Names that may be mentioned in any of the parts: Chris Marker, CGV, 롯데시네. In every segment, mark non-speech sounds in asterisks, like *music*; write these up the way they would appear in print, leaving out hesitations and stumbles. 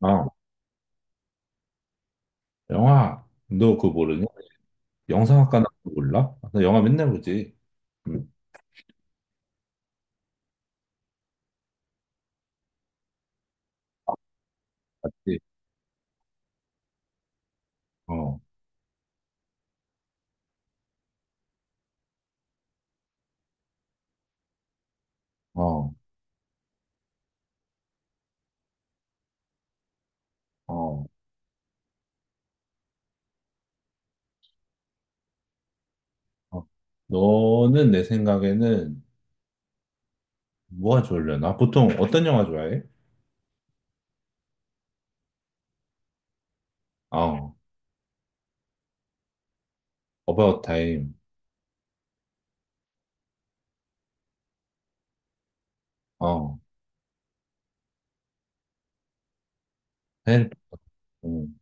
아, 영화, 너 그거 모르냐? 영상학과 나 그거 몰라? 나 영화 맨날 보지. 응, 맞지? 어, 어, 어, 어. 너는 내 생각에는 뭐가 좋으려나? 보통 어떤 영화 좋아해? 어, About Time, 어, 헬, 음,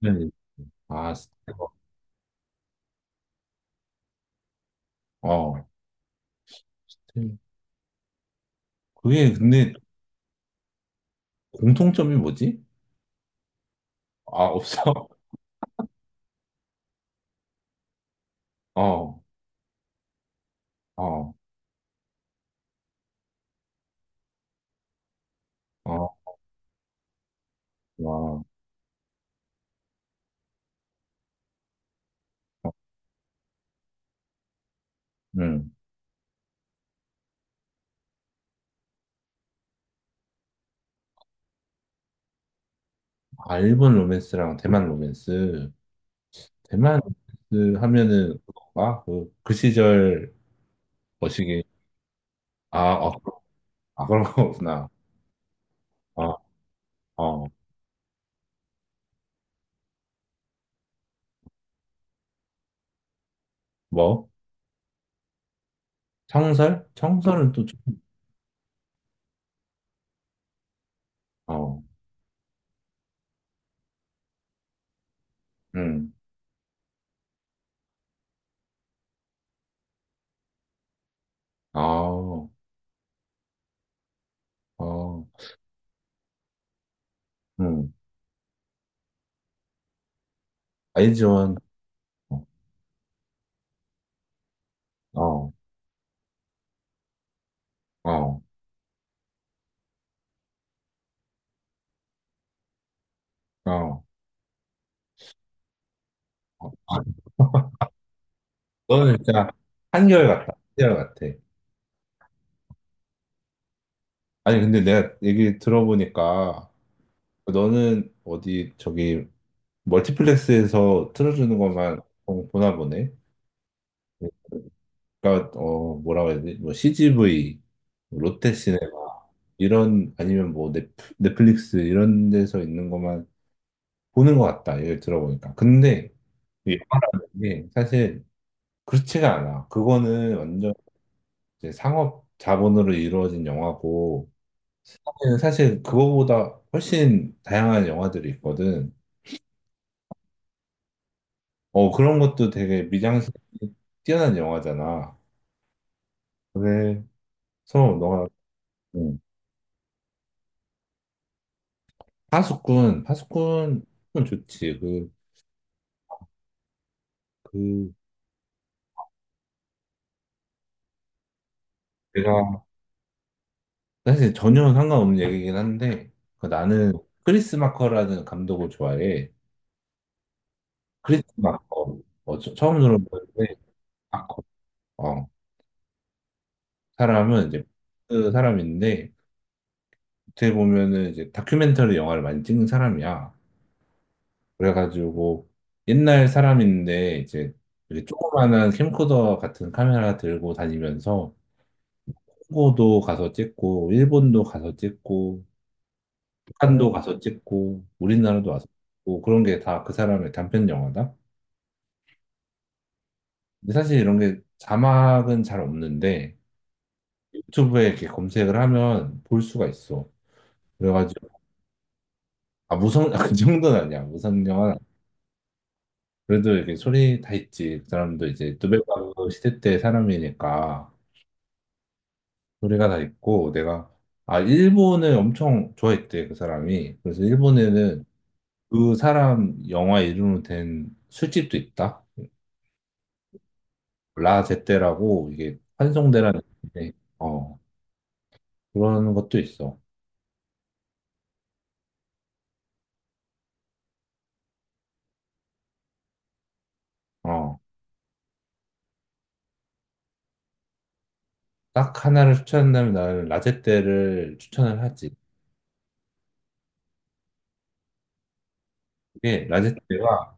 네. 아, 스티커. 어, 그게 근데 공통점이 뭐지? 아, 없어? *laughs* 어, 어, 어, 와, 응. 아, 일본 로맨스랑 대만 로맨스. 대만 그 하면은 그건가? 그, 그 시절 머시기 아, 아, 그아 그런 거구나. 아, 어, 뭐? 청설? 청설은 또 좀, 어, 음, 아, 어, 음, 아이즈원, 어, 어, 어, 어. 너는 진짜 한결같다. 한결같아. 아니, 근데 내가 얘기 들어보니까 너는 어디 저기 멀티플렉스에서 틀어주는 것만 보나 보네. 그러니까 어 뭐라고 해야 되지? 뭐 CGV, 롯데시네 이런 아니면 뭐 넷플릭스 이런 데서 있는 것만 보는 것 같다. 얘기를 들어보니까. 근데 이게 영화인 게 사실 그렇지가 않아. 그거는 완전 이제 상업 자본으로 이루어진 영화고 사실 그거보다 훨씬 다양한 영화들이 있거든. 어 그런 것도 되게 미장센이 뛰어난 영화잖아. 그래서 너가 음, 파수꾼 파수꾼 좋지. 그그 제가 사실 전혀 상관없는 얘기긴 한데 그 나는 크리스 마커라는 감독을 좋아해. 크리스 마커. 어, 처음 들어보는데 마커. 어, 사람은 이제 그 사람인데 어떻게 보면은 이제 다큐멘터리 영화를 많이 찍는 사람이야. 그래가지고 옛날 사람인데 이제 이렇게 조그만한 캠코더 같은 카메라 들고 다니면서 홍고도 가서 찍고 일본도 가서 찍고 북한도 가서 찍고 우리나라도 와서 찍고 그런 게 다 그 사람의 단편 영화다. 근데 사실 이런 게 자막은 잘 없는데 유튜브에 이렇게 검색을 하면 볼 수가 있어. 그래가지고 아 무성 *laughs* 아, 그 정도는 아니야 무성 영화. 그래도 이렇게 소리 다 있지. 그 사람도 이제 노벨바흐 시대 때 사람이니까 소리가 다 있고 내가 아 일본을 엄청 좋아했대 그 사람이. 그래서 일본에는 그 사람 영화 이름으로 된 술집도 있다. 라제떼라고 이게 환송대라는 데 어, 그런 것도 있어. 어, 딱 하나를 추천한다면 나는 라제떼를 추천을 하지. 이게 라제떼가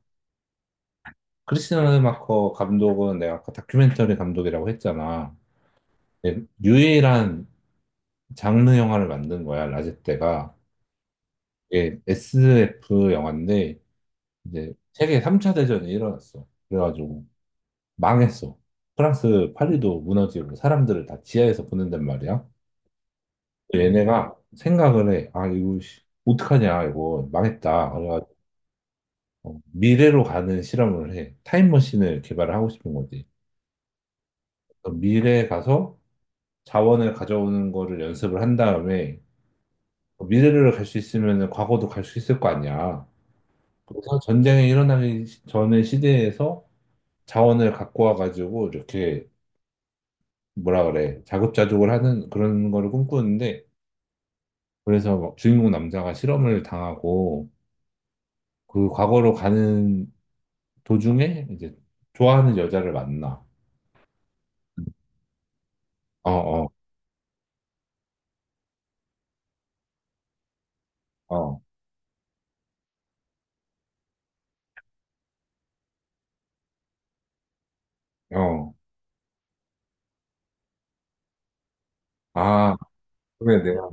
크리스티아노 르마커 감독은 내가 아까 다큐멘터리 감독이라고 했잖아. 예, 유일한 장르 영화를 만든 거야, 라제떼가. 이게 SF 영화인데 이제 세계 3차 대전이 일어났어. 그래가지고 망했어. 프랑스 파리도 무너지고 사람들을 다 지하에서 보낸단 말이야. 얘네가 생각을 해. 아, 이거 씨, 어떡하냐, 이거 망했다. 그래가지고 어, 미래로 가는 실험을 해. 타임머신을 개발을 하고 싶은 거지. 그래서 미래에 가서 자원을 가져오는 거를 연습을 한 다음에 어, 미래를 갈 수 있으면 과거도 갈 수 있을 거 아니야. 그래서 전쟁이 일어나기 전의 시대에서 자원을 갖고 와가지고 이렇게 뭐라 그래 자급자족을 하는 그런 거를 꿈꾸는데 그래서 막 주인공 남자가 실험을 당하고 그 과거로 가는 도중에 이제 좋아하는 여자를 만나. 어, 어, 어, 어. 아, 그래 내가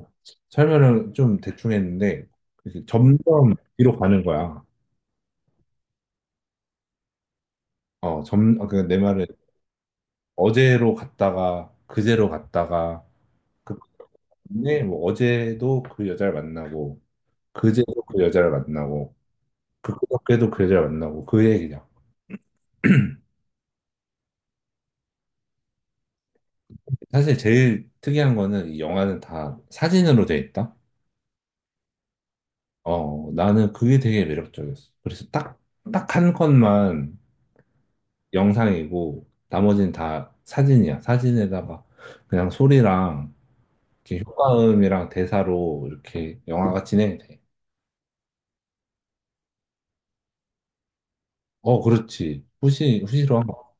설명을 좀 대충 했는데 이렇게 점점 뒤로 가는 거야. 어, 점, 아, 그러니까 내 말은 어제로 갔다가 그제로 갔다가 그 다음에 뭐 어제도 그 여자를 만나고 그제도 그 여자를 만나고 그, 그저께도 그 여자를 만나고 그 얘기야. 사실 제일 특이한 거는 이 영화는 다 사진으로 돼 있다. 어, 나는 그게 되게 매력적이었어. 그래서 딱 한 컷만 영상이고, 나머지는 다 사진이야. 사진에다가 그냥 소리랑, 이렇게 효과음이랑 대사로 이렇게 영화가 진행이 돼. 어, 그렇지. 후시로 한 거.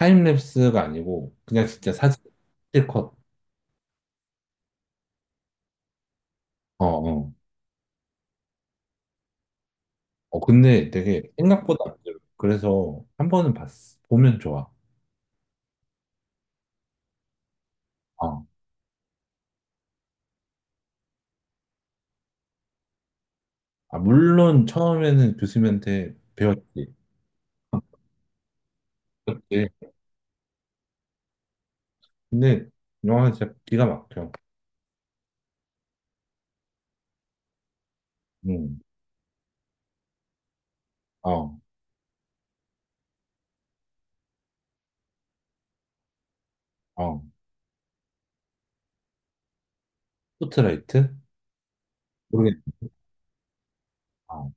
타임랩스가 아니고, 그냥 진짜 사진, 실컷. 어, 어. 어, 근데 되게 생각보다 안 들어. 그래서 한 번은 봤어. 보면 좋아. 어. 아, 물론 처음에는 교수님한테 배웠지. 근데 영화 진짜 기가 막혀. 음, 어, 어. 포트라이트? 모르겠네. 어,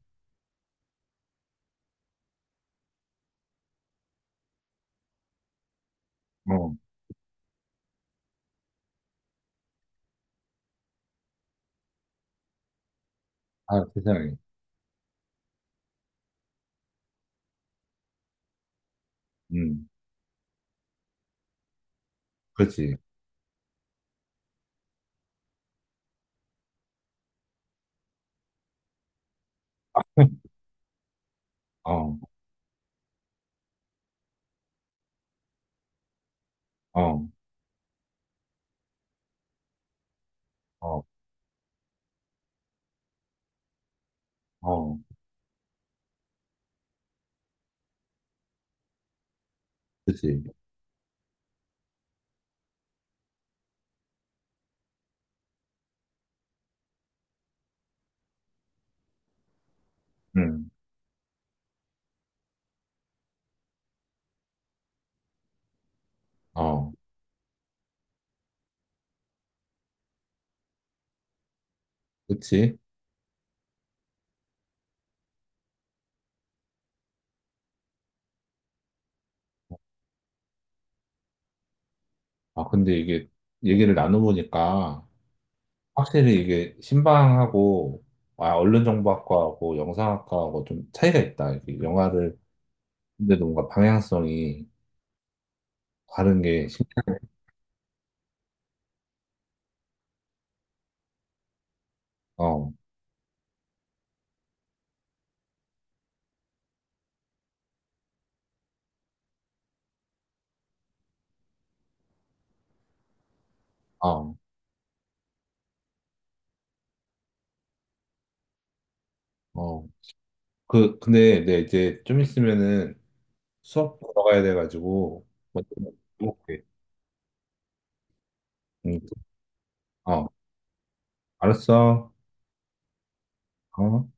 어. 아, 세상에. 음, 그렇지. 어, 어, 어, 어. 그렇지. 음, 어, 그렇지. 아, 근데 이게 얘기를 나눠보니까 확실히 이게 신방하고 아, 언론정보학과하고 영상학과하고 좀 차이가 있다. 이게 영화를 근데도 뭔가 방향성이 다른 게 신- 어, 어, 어. 그 근데 내 이제 좀 있으면은 수업 들어가야 돼가지고 뭐저 먹게. 응. 어, 알았어. 어.